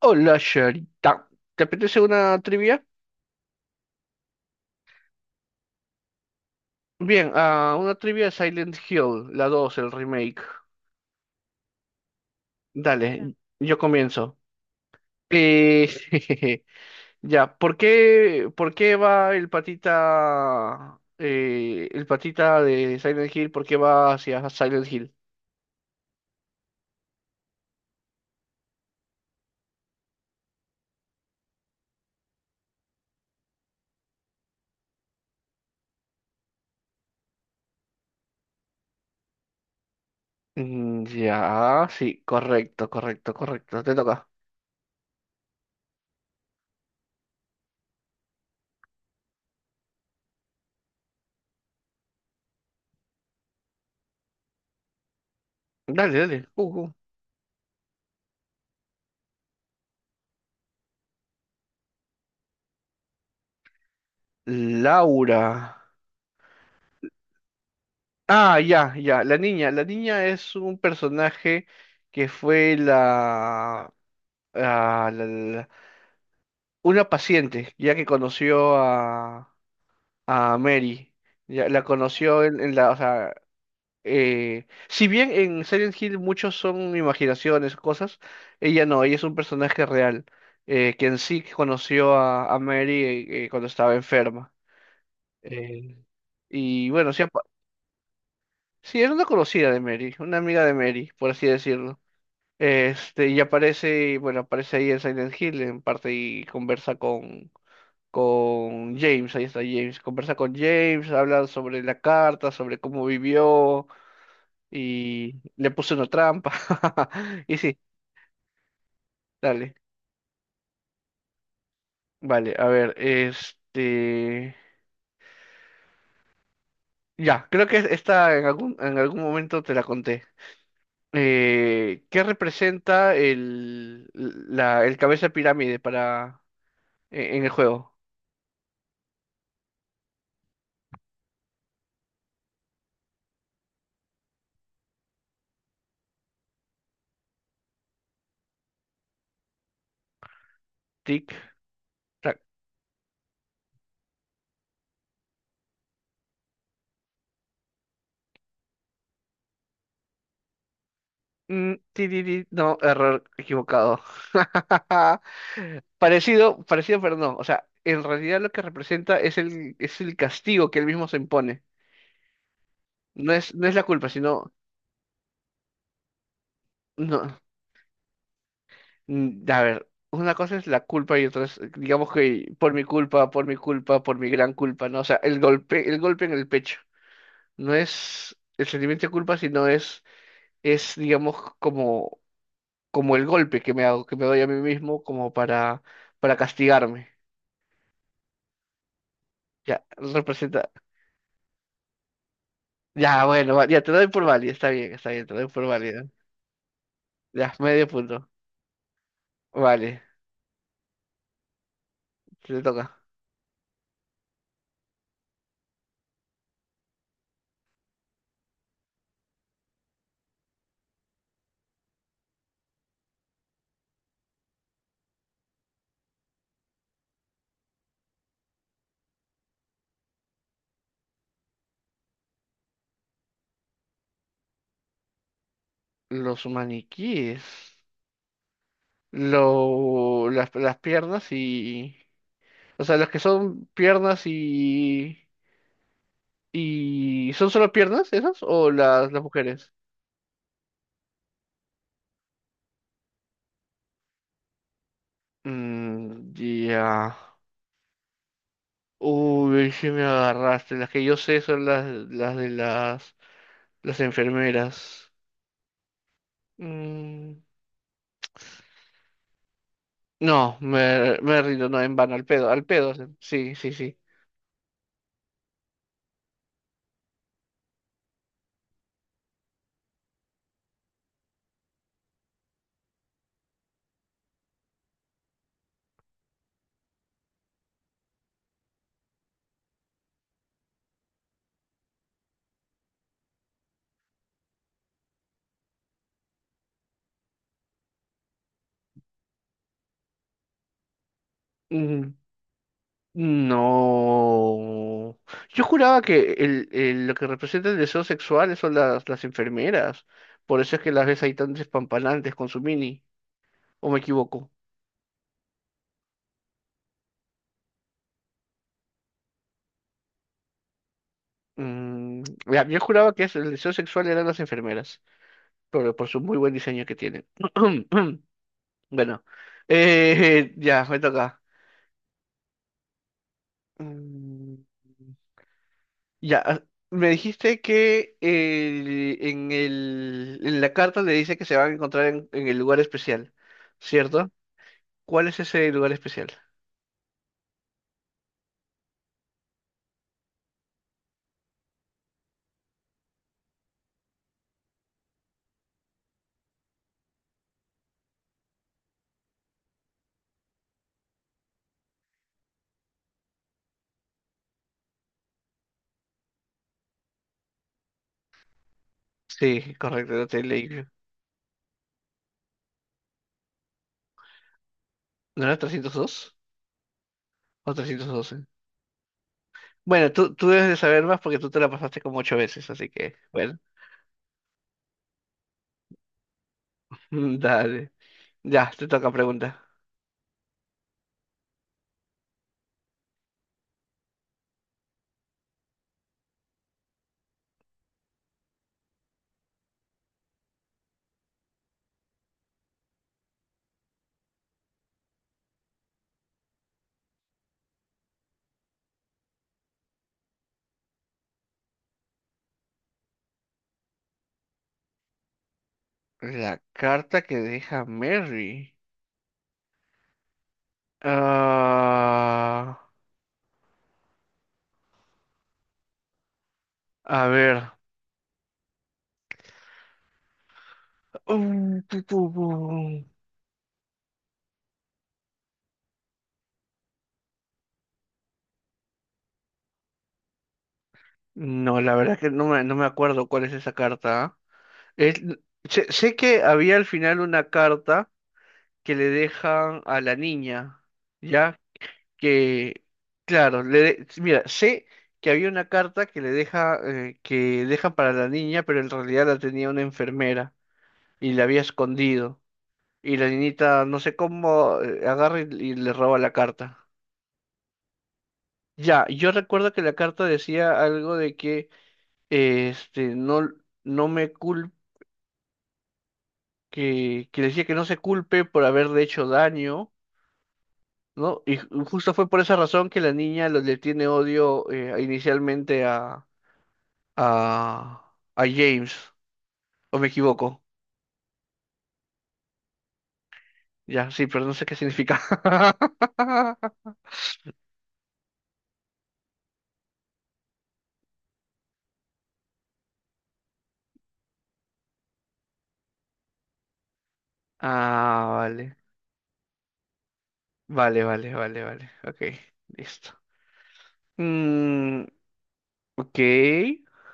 Hola, Sharita. ¿Te apetece una trivia? Bien, una trivia de Silent Hill, la 2 el remake. Dale, yo comienzo. Eh, ya, ¿por qué va el patita de Silent Hill? ¿Por qué va hacia Silent Hill? Ya, sí, correcto, correcto, correcto. Te toca. Dale, dale. Laura. Ah, ya, ya. La niña. La niña es un personaje que fue la, ah, la- la- una paciente, ya que conoció a Mary. Ya, la conoció en la, o sea, si bien en Silent Hill muchos son imaginaciones, cosas, ella no, ella es un personaje real, quien sí conoció a Mary cuando estaba enferma. Eh, y bueno, sí, sí, era una conocida de Mary, una amiga de Mary, por así decirlo. Este, y aparece, bueno, aparece ahí en Silent Hill en parte y conversa con James, ahí está James, conversa con James, habla sobre la carta, sobre cómo vivió y le puso una trampa. Y sí, dale. Vale, a ver, este... Ya, creo que esta en algún momento te la conté. ¿Qué representa el cabeza de pirámide para, en el juego? Tic. No, error equivocado. Parecido, parecido, pero no. O sea, en realidad lo que representa es es el castigo que él mismo se impone. No es la culpa, sino, no. A ver, una cosa es la culpa y otra es, digamos que por mi culpa, por mi culpa, por mi gran culpa, ¿no? O sea, el golpe en el pecho. No es el sentimiento de culpa, sino digamos, como, como el golpe que me hago, que me doy a mí mismo como para castigarme. Ya, representa. Ya, bueno, ya te doy por válida. Está bien, te doy por válida. Ya, medio punto. Vale, te toca. Los maniquíes. Lo, las piernas y. O sea, los que son piernas y. Y ¿son solo piernas esas? ¿O las mujeres? Mm, ya. Uy, sí me agarraste. Las que yo sé son las de las enfermeras. Mm, no, me rindo, no, en vano, al pedo, sí, sí, sí. Mm, no. Yo juraba que lo que representa el deseo sexual son las enfermeras. Por eso es que las ves ahí tan despampanantes con su mini. ¿O me equivoco? Mm, ya, yo juraba que eso, el deseo sexual eran las enfermeras. Por su muy buen diseño que tienen. Bueno, ya, me toca. Mm, Ya, me dijiste que en la carta le dice que se van a encontrar en el lugar especial, ¿cierto? ¿Cuál es ese lugar especial? Sí, correcto, el Hotel Lakeview. ¿No era 302 o 312? Bueno, tú debes de saber más porque tú te la pasaste como 8 veces, así que, bueno, dale. Ya, te toca pregunta. La carta que deja Mary. Ah, a ver. Tu, tu, tu. No, la verdad que no me acuerdo cuál es esa carta. ¿Ah? Es- sé que había al final una carta que le dejan a la niña, ¿ya? Que, claro, mira, sé que había una carta que le deja, que dejan para la niña, pero en realidad la tenía una enfermera y la había escondido. Y la niñita, no sé cómo, agarra y le roba la carta. Ya, yo recuerdo que la carta decía algo de que, no, no me culpes que le decía que no se culpe por haberle hecho daño, ¿no? Y justo fue por esa razón que la niña le tiene odio inicialmente a James, o me equivoco. Ya, sí, pero no sé qué significa. Ah, vale. Vale, vale, vale, vale. Ok, listo. Mm, ok,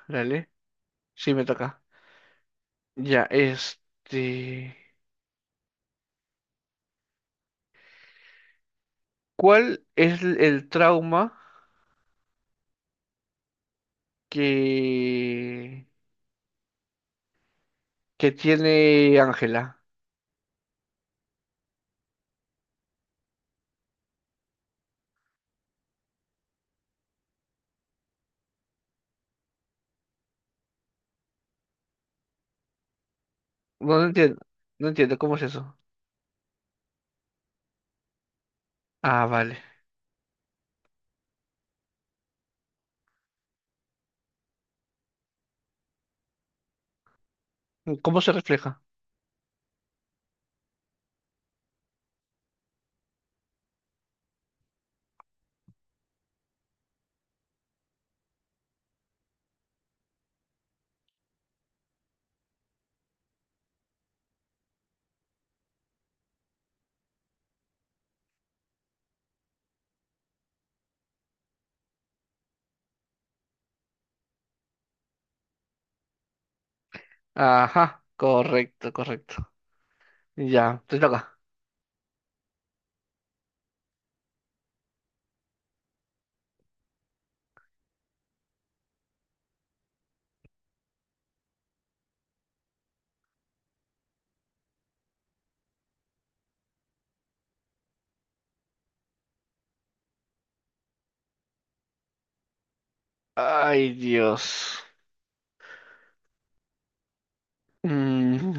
dale. Sí, me toca. Ya, este... ¿Cuál es el trauma que... que tiene Ángela. No, no entiendo, no entiendo cómo es eso. Ah, vale. ¿Cómo se refleja? Ajá, correcto, correcto. Ya, te toca. Ay, Dios. Mm,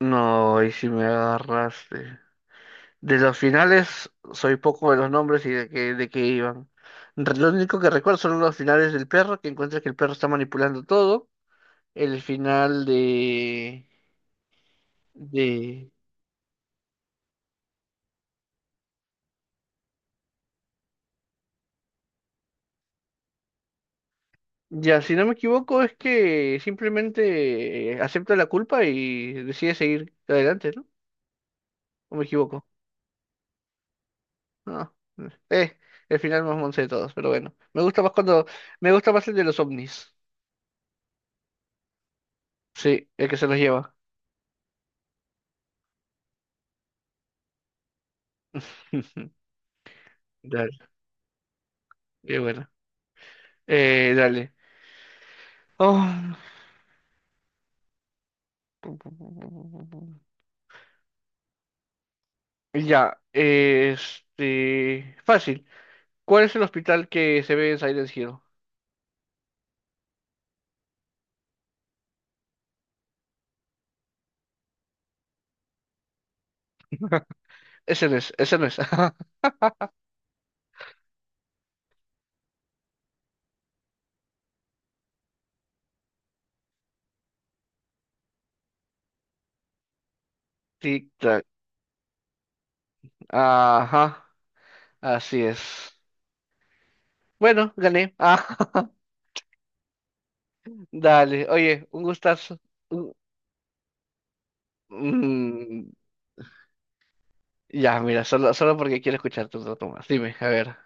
no, y si me agarraste. De los finales, soy poco de los nombres y de qué iban. Lo único que recuerdo son los finales del perro, que encuentra que el perro está manipulando todo. El final de, Ya, si no me equivoco, es que simplemente acepta la culpa y decide seguir adelante, ¿no? ¿O me equivoco? No. Eh, el final más monce de todos, pero bueno. Me gusta más cuando. Me gusta más el de los ovnis. Sí, el que se los lleva. Dale, qué bueno. Dale. Oh. Ya, este. Fácil. ¿Cuál es el hospital que se ve en Silent Hill? Ese no es, ese no es. Tic-tac. Ajá. Así es. Bueno, gané. Ah, dale. Oye, un gustazo. Un- mm, ya, mira, solo, solo porque quiero escucharte un rato más. Dime, a ver.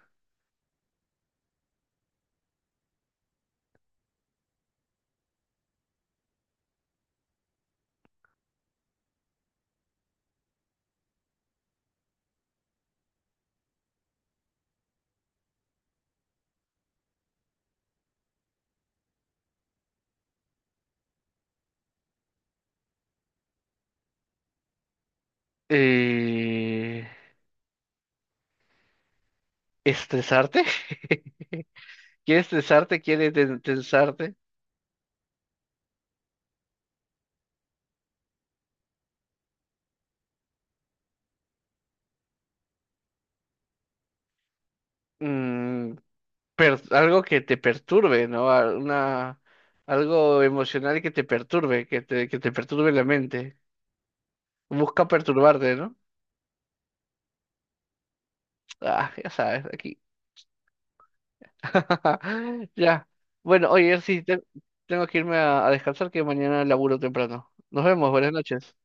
Eh, ¿Estresarte? ¿Quieres estresarte? ¿Quieres tensarte? Mm, algo que te perturbe, ¿no? Una, algo emocional que te perturbe, que te perturbe la mente. Busca perturbarte, ¿no? Ah, ya sabes, aquí. Ya. Bueno, oye, sí, tengo que irme a descansar que mañana laburo temprano. Nos vemos, buenas noches.